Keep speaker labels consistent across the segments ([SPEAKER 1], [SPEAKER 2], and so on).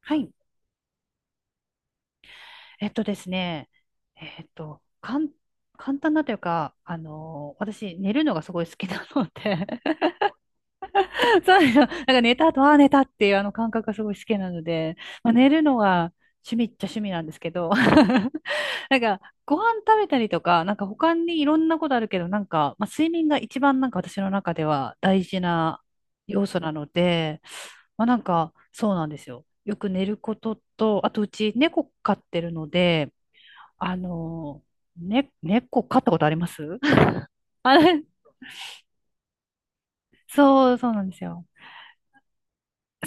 [SPEAKER 1] はい。えっとですね、えっと、かん、簡単なというか、私、寝るのがすごい好きなので。 そうですよ。なんか寝た後、ああ、寝たっていうあの感覚がすごい好きなので、まあ、寝るのが趣味っちゃ趣味なんですけど、なんか、ご飯食べたりとか、なんか他にいろんなことあるけど、なんか、まあ、睡眠が一番なんか私の中では大事な要素なので、まあ、なんか、そうなんですよ。よく寝ることと、あとうち猫飼ってるので、あの、ね、猫飼ったことあります？ あれ、そうなんですよ。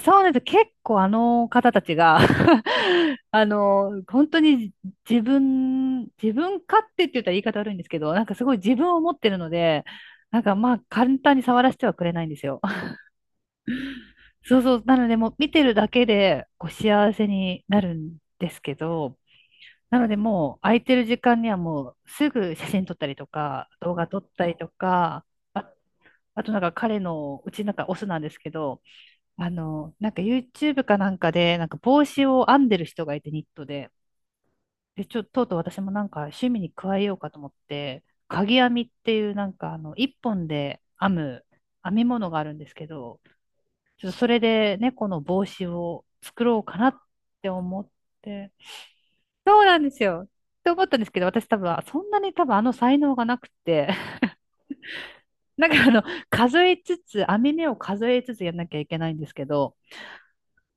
[SPEAKER 1] そうなんです。結構あの方たちが、 あの、本当に自分勝手って言ったら言い方悪いんですけど、なんかすごい自分を持ってるので、なんかまあ簡単に触らせてはくれないんですよ。そうそう。なのでもう見てるだけでこう幸せになるんですけど、なのでもう空いてる時間にはもうすぐ写真撮ったりとか、動画撮ったりとか、ああとなんか彼の、うちなんかオスなんですけど、なんか YouTube かなんかで、なんか帽子を編んでる人がいてニットで、で、ちょ、ととうとう私もなんか趣味に加えようかと思って、鍵編みっていうなんか一本で編む編み物があるんですけど、ちょっとそれで猫の帽子を作ろうかなって思って、そうなんですよ。って思ったんですけど、私多分、そんなに多分才能がなくて、なんか数えつつ、編み目を数えつつやんなきゃいけないんですけど、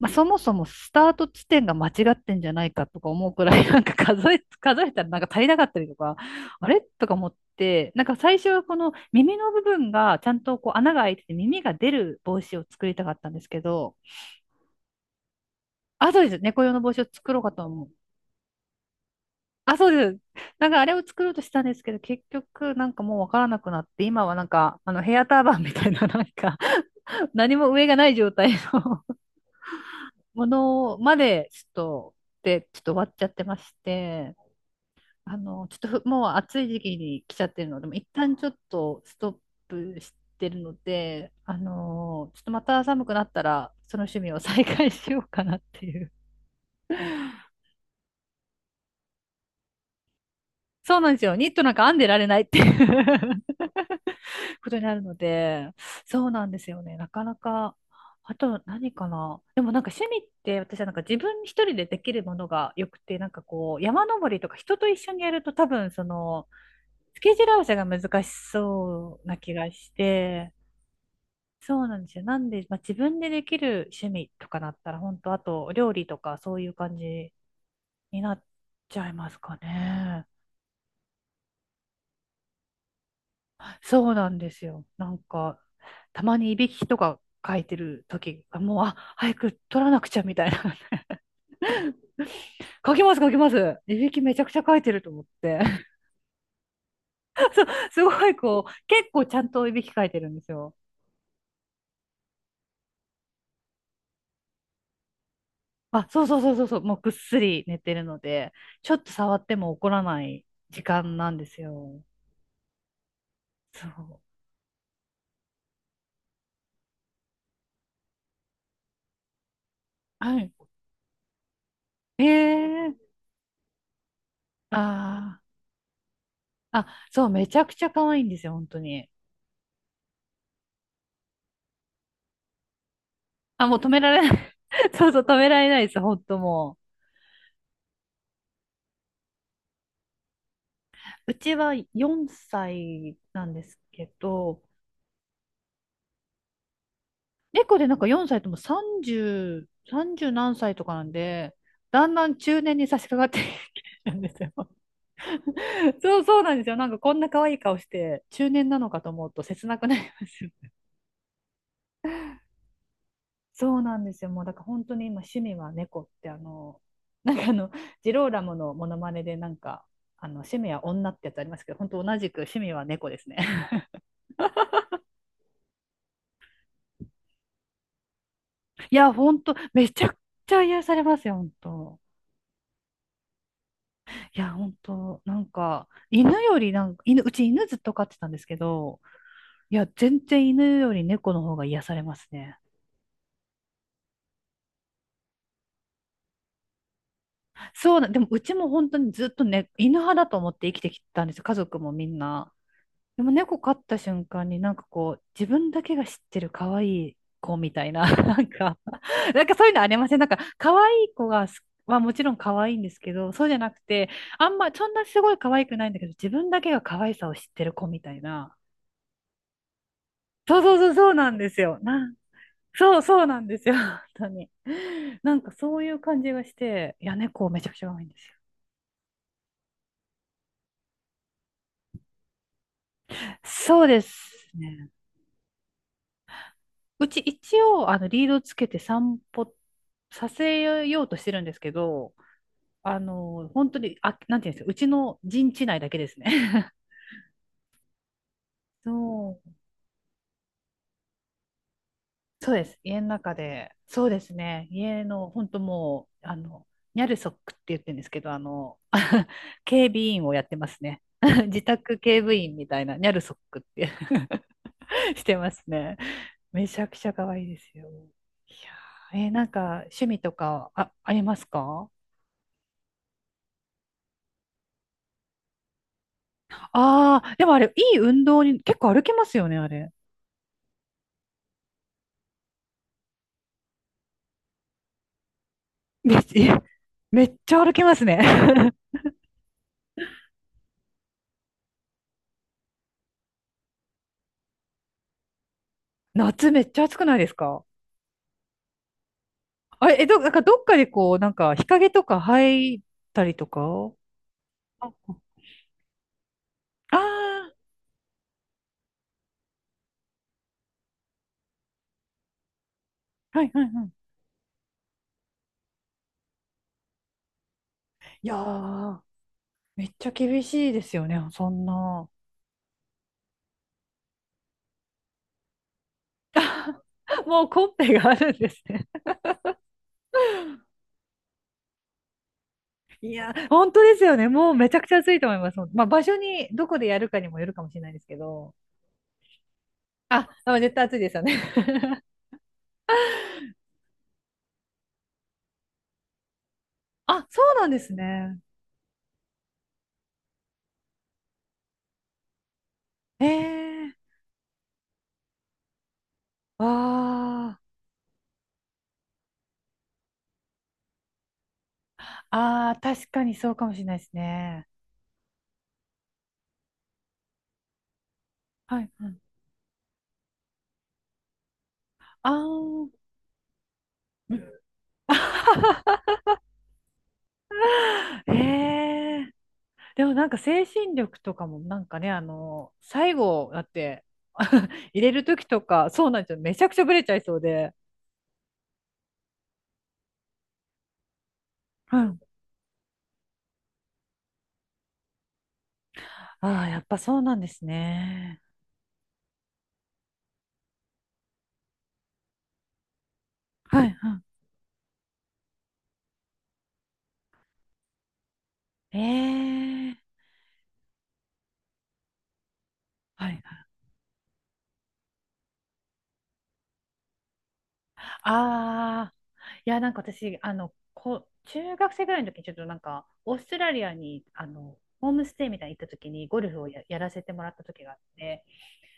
[SPEAKER 1] まあ、そもそもスタート地点が間違ってんじゃないかとか思うくらい、なんか数えたらなんか足りなかったりとか、あれとか思って、なんか最初はこの耳の部分がちゃんとこう穴が開いてて耳が出る帽子を作りたかったんですけど、あ、そうです。猫用の帽子を作ろうかと思う。あ、そうです。なんかあれを作ろうとしたんですけど、結局なんかもうわからなくなって、今はなんかあのヘアターバンみたいななんか、 何も上がない状態の ものまでちょっと、で、ちょっと終わっちゃってまして、ちょっともう暑い時期に来ちゃってるので、もう一旦ちょっとストップしてるので、ちょっとまた寒くなったら、その趣味を再開しようかなっていう。そうなんですよ。ニットなんか編んでられないっていう ことになるので、そうなんですよね。なかなか、あと何かな。でもなんか趣味って私はなんか自分一人でできるものが良くて、なんかこう山登りとか人と一緒にやると多分そのスケジュール合わせが難しそうな気がして、そうなんですよ。なんで、まあ、自分でできる趣味とかなったら、本当あと料理とかそういう感じになっちゃいますかね。そうなんですよ。なんか、たまにいびきとか書いてる時が、もう、あ、早く取らなくちゃみたいな。書きます書きます。いびきめちゃくちゃ書いてると思って。すごいこう、結構ちゃんといびき書いてるんですよ。あ、そうそうそうそうそう、もうぐっすり寝てるので、ちょっと触っても怒らない時間なんですよ。そう。はい。ええー、ああ、あ、そう、めちゃくちゃ可愛いんですよ、本当に。あ、もう止められない。そうそう、止められないです、本当もう。うちは4歳なんですけど、猫でなんか4歳とも30何歳とかなんで、だんだん中年に差し掛かってきてるんですよ。そうそうなんですよ。なんかこんな可愛い顔して中年なのかと思うと切なくなりますよね。そうなんですよ。もうだから本当に今趣味は猫ってなんかあの、ジローラモのモノマネでなんか、あの趣味は女ってやつありますけど、本当同じく趣味は猫ですね。いや、本当めちゃくちゃ癒されますよ、本当。いや、本当なんか、犬よりなんか、犬、うち犬ずっと飼ってたんですけど、いや、全然犬より猫の方が癒されますね。そうな、でもうちも本当にずっとね、犬派だと思って生きてきたんですよ、家族もみんな。でも猫飼った瞬間になんかこう、自分だけが知ってる可愛い子みたいな、なんか、なんかそういうのありません？なんか可愛い子がはもちろん可愛いんですけど、そうじゃなくて、あんま、そんなすごい可愛くないんだけど、自分だけが可愛さを知ってる子みたいな。そうそうそう、そうなんですよ。なん、そうそうなんですよ、本当に。なんかそういう感じがして、いや、猫めちゃくちゃ可愛いんですよ。そうですね。うち一応、リードつけて散歩させようとしてるんですけど、本当に、あ、なんていうんですか、うちの陣地内だけですね。そう、そうです。家の中で、そうですね。家の、本当もう、ニャルソックって言ってるんですけど、警備員をやってますね。自宅警備員みたいな、ニャルソックって してますね。めちゃくちゃ可愛いですよ。いやー、なんか趣味とかありますか？ああー、でもあれ、いい運動に結構歩きますよね、あれ。め、えめっちゃ歩きますね。夏めっちゃ暑くないですか？あれ、なんかどっかでこう、なんか日陰とか入ったりとか。ああー、はいはいはい。いやー、めっちゃ厳しいですよね、そんな。もうコンペがあるんですね？いや、本当ですよね。もうめちゃくちゃ暑いと思います。まあ、場所に、どこでやるかにもよるかもしれないですけど。あ絶対暑いですよね。あ、そうなんですね。ええ、あー、あー、確かにそうかもしれないですね。はい、はい。あー、うん、 ええ、でもなんか精神力とかもなんかね、最後だって 入れる時とか、そうなんですよ。めちゃくちゃブレちゃいそうで。うん。ああ、やっぱそうなんですね。はい、はい。ええ、はい、ああ、いや、なんか私、中学生ぐらいの時にちょっとなんか、オーストラリアに、ホームステイみたいに行った時にゴルフをやらせてもらった時があって、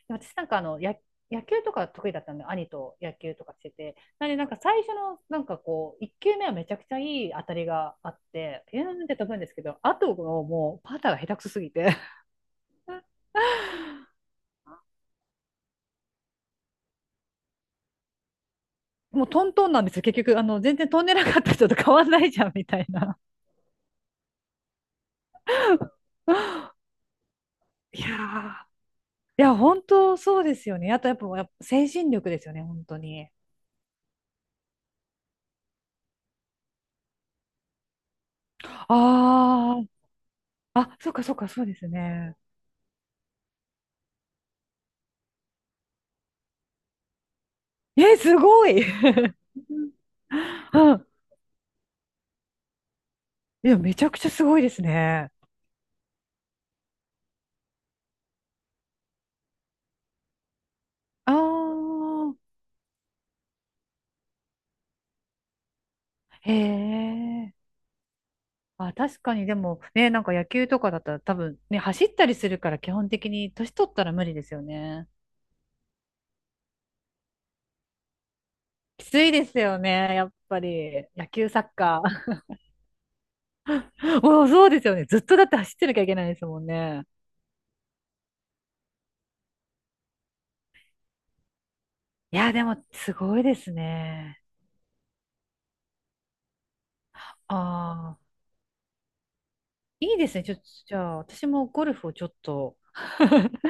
[SPEAKER 1] で私なんか野球とか得意だったんで、兄と野球とかしてて、なんでなんか最初のなんかこう、1球目はめちゃくちゃいい当たりがあって、ピューンって飛ぶんですけど、あとのもうパターが下手くそすぎて、 もうトントンなんですよ。結局、全然飛んでなかった人と変わんないじゃん、みたいな。 いやー、いや、本当そうですよね。あと、やっぱ、やっぱ精神力ですよね、本当に。あー、あ、そうか、そうか、そうですね。え、すごい。 うん。いや、めちゃくちゃすごいですね。あー、へえ。あ、確かに、でも、ね、なんか野球とかだったら多分、ね、走ったりするから基本的に年取ったら無理ですよね。きついですよね、やっぱり。野球、サッカー。もうそうですよね。ずっとだって走ってなきゃいけないですもんね。いや、でも、すごいですね。ああ、いいですね。ちょっと、じゃあ、私もゴルフをちょっと。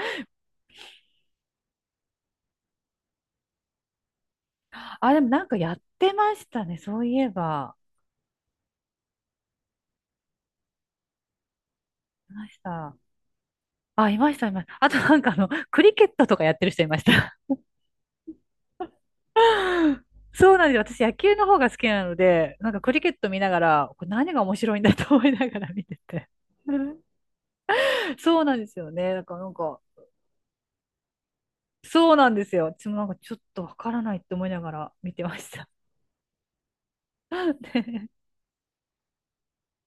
[SPEAKER 1] あ、でもなんかやってましたね。そういえば。いました。あ、いました、いました。あとなんかクリケットとかやってる人いました。そうなんですよ。私、野球の方が好きなので、なんかクリケット見ながら、これ何が面白いんだと思いながら見てて。そうなんですよね。だからなんか、そうなんですよ。私もなんかちょっとわからないって思いながら見てました。で